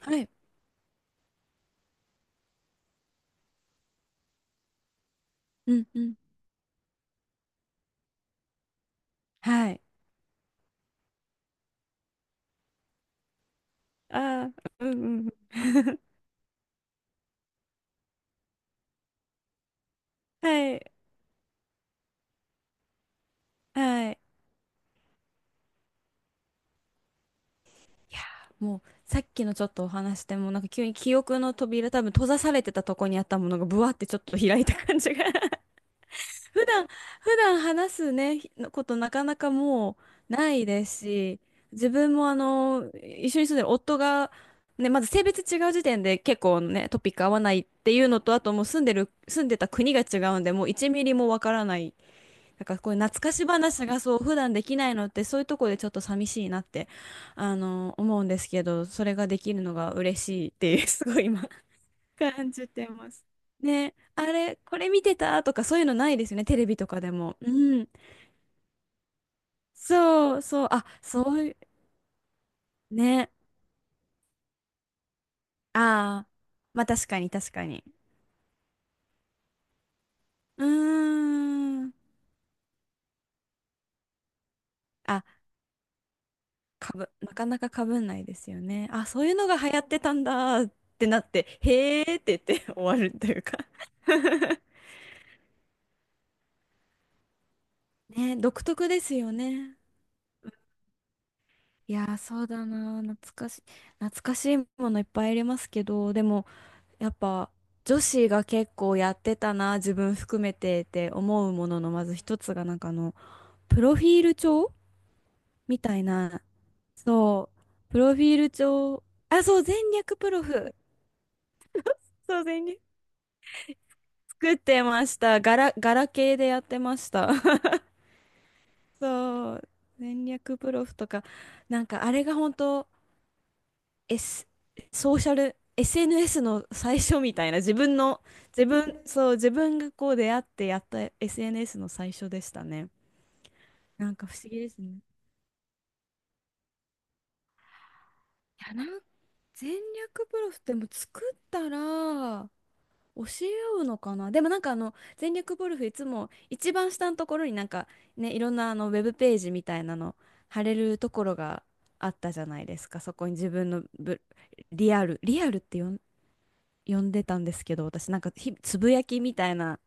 はい。うんうん。はい。ああ、うんうん。はい。はい。いやー、もう、さっきのちょっとお話でも、急に記憶の扉、多分閉ざされてたとこにあったものが、ブワってちょっと開いた感じが。普段、普段話すね、ひことなかなかもうないですし、自分も一緒に住んでる夫が、ね、まず性別違う時点で結構ね、トピック合わないっていうのと、あともう住んでた国が違うんで、もう1ミリもわからない。なんかこういう懐かし話がそう普段できないのって、そういうとこでちょっと寂しいなって思うんですけど、それができるのが嬉しいっていう、 すごい今感じてます。ね、あれこれ見てたとか、そういうのないですよね、テレビとかでも。うん。そうそう、あ、そういう、ね。ああー、まあ確かに確かに。うーん。あ、かぶ、なかなかかぶんないですよね。あ、そういうのが流行ってたんだってなって、へーって言って 終わるというか。 ね、独特ですよね。いやー、そうだな。懐かしいものいっぱいありますけど、でも、やっぱ、女子が結構やってたな、自分含めてって思うものの、まず一つが、プロフィール帳みたいな、そう、プロフィール帳、あ、そう、全略プロフ。そう、全略、作ってました。ガラ、ガラケーでやってました。そう。戦略プロフとか、なんかあれが本当、S、ソーシャル、SNS の最初みたいな、自分の、自分、そう、自分がこう出会ってやった SNS の最初でしたね。なんか不思議ですね。や、なん、戦略プロフってもう作ったら、教え合うのかな。でもなんかあの、全力ゴルフいつも一番下のところになんか、ね、いろんなあのウェブページみたいなの貼れるところがあったじゃないですか。そこに自分のブ、リアルって呼んでたんですけど、私なんか、ひ、つぶやきみたいな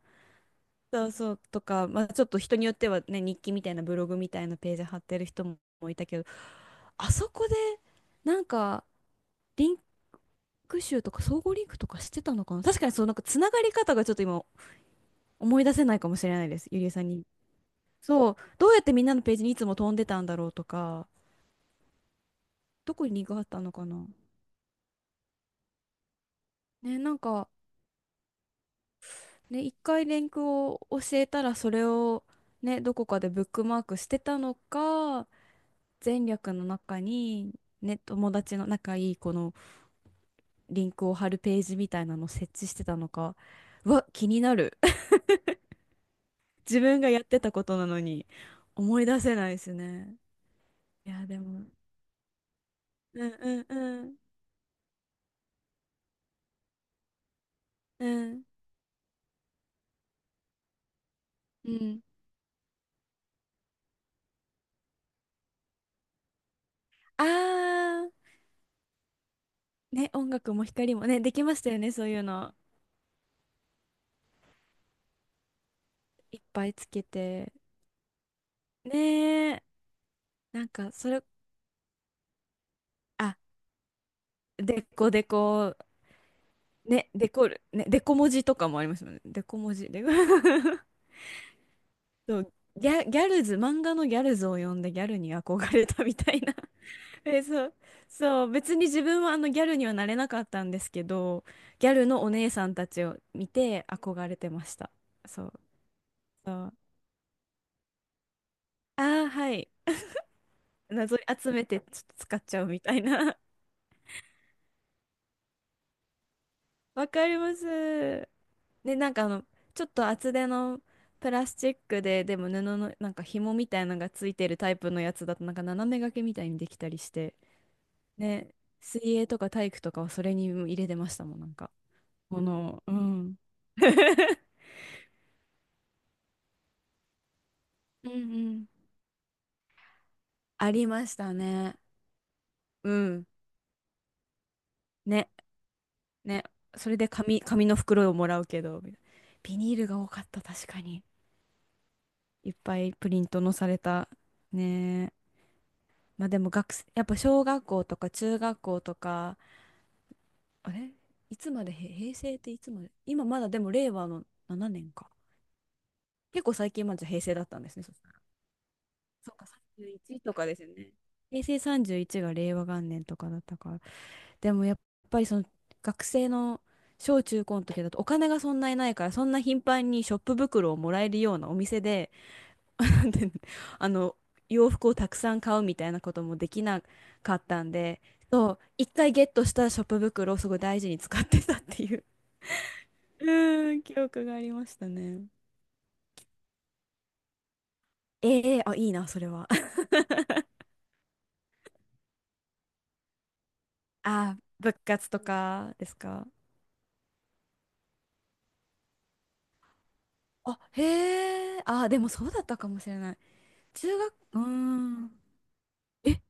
そうそうとか、まあ、ちょっと人によってはね、日記みたいなブログみたいなページ貼ってる人もいたけど、あそこでなんかリンク集とか総合リンクとかしてたのかな。確かに、そうなんか、つながり方がちょっと今思い出せないかもしれないです、ゆりえさんに。そう、どうやってみんなのページにいつも飛んでたんだろうとか、どこにリンクがあったのかな。ね、なんか、ね、一回リンクを教えたら、それを、ね、どこかでブックマークしてたのか、前略の中に、ね、友達の仲いい子のリンクを貼るページみたいなのを設置してたのか、うわ、気になる。自分がやってたことなのに、思い出せないですね。いや、でも、うんうんうん、うん、うん。あー、ね、音楽も光もね、できましたよね、そういうの。いっぱいつけて。ねえ、なんか、それ、あ、デコデコ、ね、デコる、ね、デコ文字とかもありますよね。デコ文字。デコ。 そう、ギャ、ギャルズ、漫画のギャルズを読んでギャルに憧れたみたいな。 え、そう、そう、別に自分はギャルにはなれなかったんですけど、ギャルのお姉さんたちを見て憧れてました。そう、そう。ああ、はい。謎に集めてちょっと使っちゃうみたいな。わかります。で、ちょっと厚手のプラスチックで、でも布のなんか紐みたいなのがついてるタイプのやつだと、なんか斜め掛けみたいにできたりして、ね、水泳とか体育とかはそれに入れてましたもん、なんか。ものを、うん。うんうん。ありましたね。うん。ね、ね。それで、紙、紙の袋をもらうけど、みたいな。ビニールが多かった、確かに。いっぱいプリントのされた。ね、まあでも学生、やっぱ小学校とか中学校とか、あれ、いつまでへ、平成っていつまで。今まだでも令和の7年か。結構最近まで平成だったんですね。そしたら、そうか、31とかですよね。平成31が令和元年とかだったから。でもやっぱりその学生の小中高の時だと、お金がそんなにないから、そんな頻繁にショップ袋をもらえるようなお店で、なんていうの、あの、洋服をたくさん買うみたいなこともできなかったんで、そう、一回ゲットしたショップ袋をすごい大事に使ってたっていう。 うーん、記憶がありましたね。ええ、あ、いいな、それは。あ、部活とかですか。あ、へえ、あ、でもそうだったかもしれない。中学、うーん。え、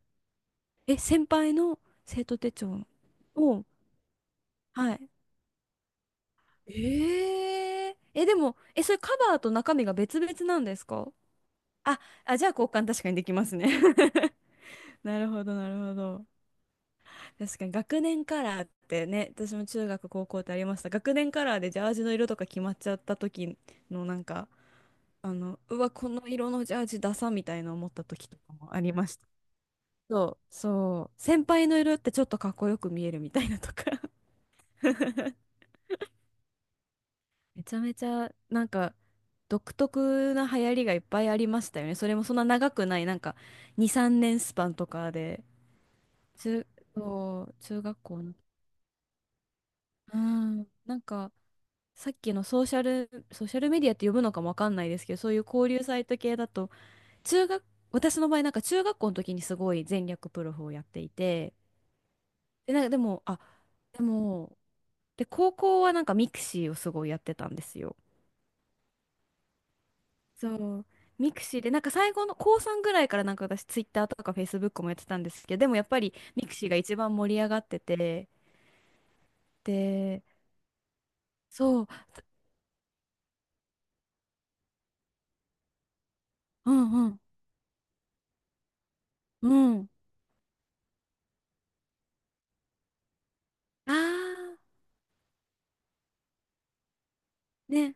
え、先輩の生徒手帳を、はい。えええ、でも、え、それカバーと中身が別々なんですか。あ、あ、じゃあ交換確かにできますね。 なるほど、なるほど。確かに学年カラーってね、私も中学、高校ってありました。学年カラーでジャージの色とか決まっちゃった時のなんか、あの、うわ、この色のジャージダサみたいな思った時とかもありました。そう、そう。先輩の色ってちょっとかっこよく見えるみたいなとか。 めちゃめちゃなんか独特な流行りがいっぱいありましたよね。それもそんな長くない、なんか2、3年スパンとかで。通、そう、中学校の。うん。なんか、さっきのソーシャルメディアって呼ぶのかもわかんないですけど、そういう交流サイト系だと、中学、私の場合なんか中学校の時にすごい全略プロフをやっていて、で、なんかでも、あ、でも、で、高校はなんかミクシーをすごいやってたんですよ。そう。ミクシーで、なんか最後の高3ぐらいからなんか私ツイッターとかフェイスブックもやってたんですけど、でもやっぱりミクシーが一番盛り上がってて、で、そう、うんうん、うん。あー、ね。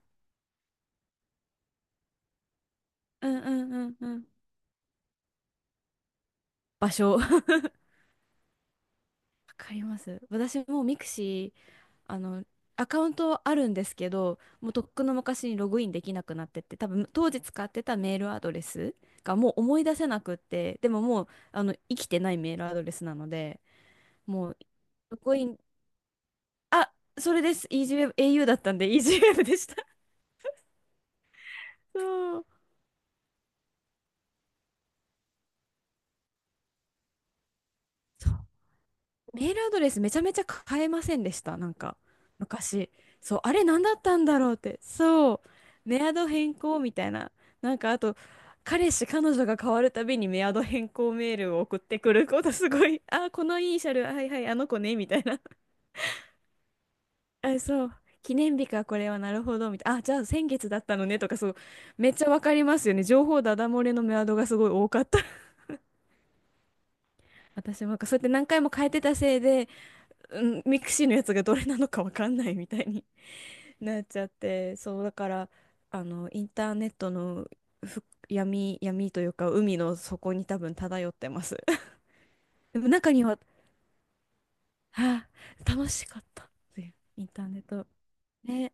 うんうんうんうん。場所。わかります。私もミクシー、あの、アカウントあるんですけど、もうとっくの昔にログインできなくなってて、多分当時使ってたメールアドレスがもう思い出せなくって、でももう、あの、生きてないメールアドレスなので、もう、ログイン、あ、それです。e ー s y w e b au だったんで EasyWeb でした。そう。メールアドレスめちゃめちゃ変えませんでした。なんか、昔。そう、あれ何だったんだろうって。そう、メアド変更みたいな。なんかあと、彼氏、彼女が変わるたびにメアド変更メールを送ってくることすごい。あ、このイニシャル、はいはい、あの子ね、みたいな。あ、そう。記念日か、これは、なるほど、みたいな。あ、じゃあ先月だったのね、とか、そう。めっちゃわかりますよね。情報ダダ漏れのメアドがすごい多かった。私もなんかそうやって何回も変えてたせいで、うん、ミクシーのやつがどれなのかわかんないみたいになっちゃって、そうだから、あのインターネットの、ふ、闇というか海の底に多分漂ってます。 でも中には「はあ、楽しかった」っていうインターネット、ね。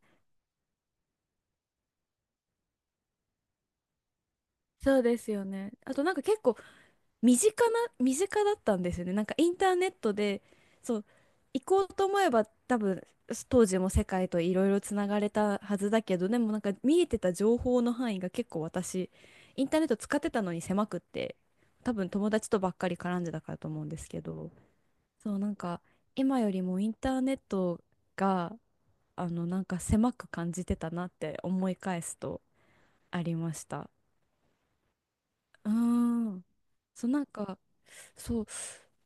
そうですよね。あとなんか結構身近だったんですよね。なんかインターネットで、そう、行こうと思えば多分、当時も世界といろいろつながれたはずだけど、でもなんか見えてた情報の範囲が結構私、インターネット使ってたのに狭くって、多分友達とばっかり絡んでたからと思うんですけど、そう、なんか今よりもインターネットが、あの、なんか狭く感じてたなって思い返すとありました。うーん。そう、なんか、そう、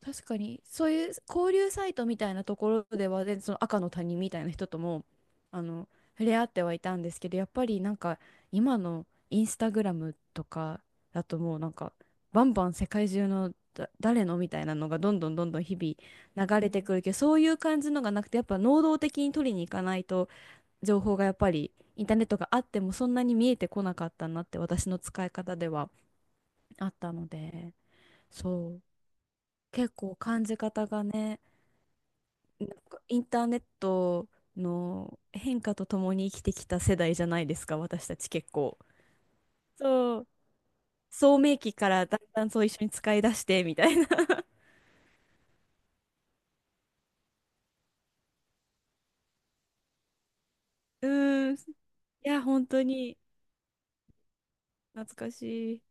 確かに、そういう交流サイトみたいなところではね、全然その赤の他人みたいな人とも、あの、触れ合ってはいたんですけど、やっぱりなんか、今のインスタグラムとかだともうなんか、バンバン世界中のだ誰のみたいなのがどんどんどんどん日々流れてくるけど、そういう感じのがなくて、やっぱ能動的に取りに行かないと、情報がやっぱりインターネットがあってもそんなに見えてこなかったなって、私の使い方ではあったので、そう、結構感じ方がね、インターネットの変化とともに生きてきた世代じゃないですか、私たち結構。そう、聡明期からだんだんそう一緒に使い出してみたいな。うーん、いや、本当に懐かしい。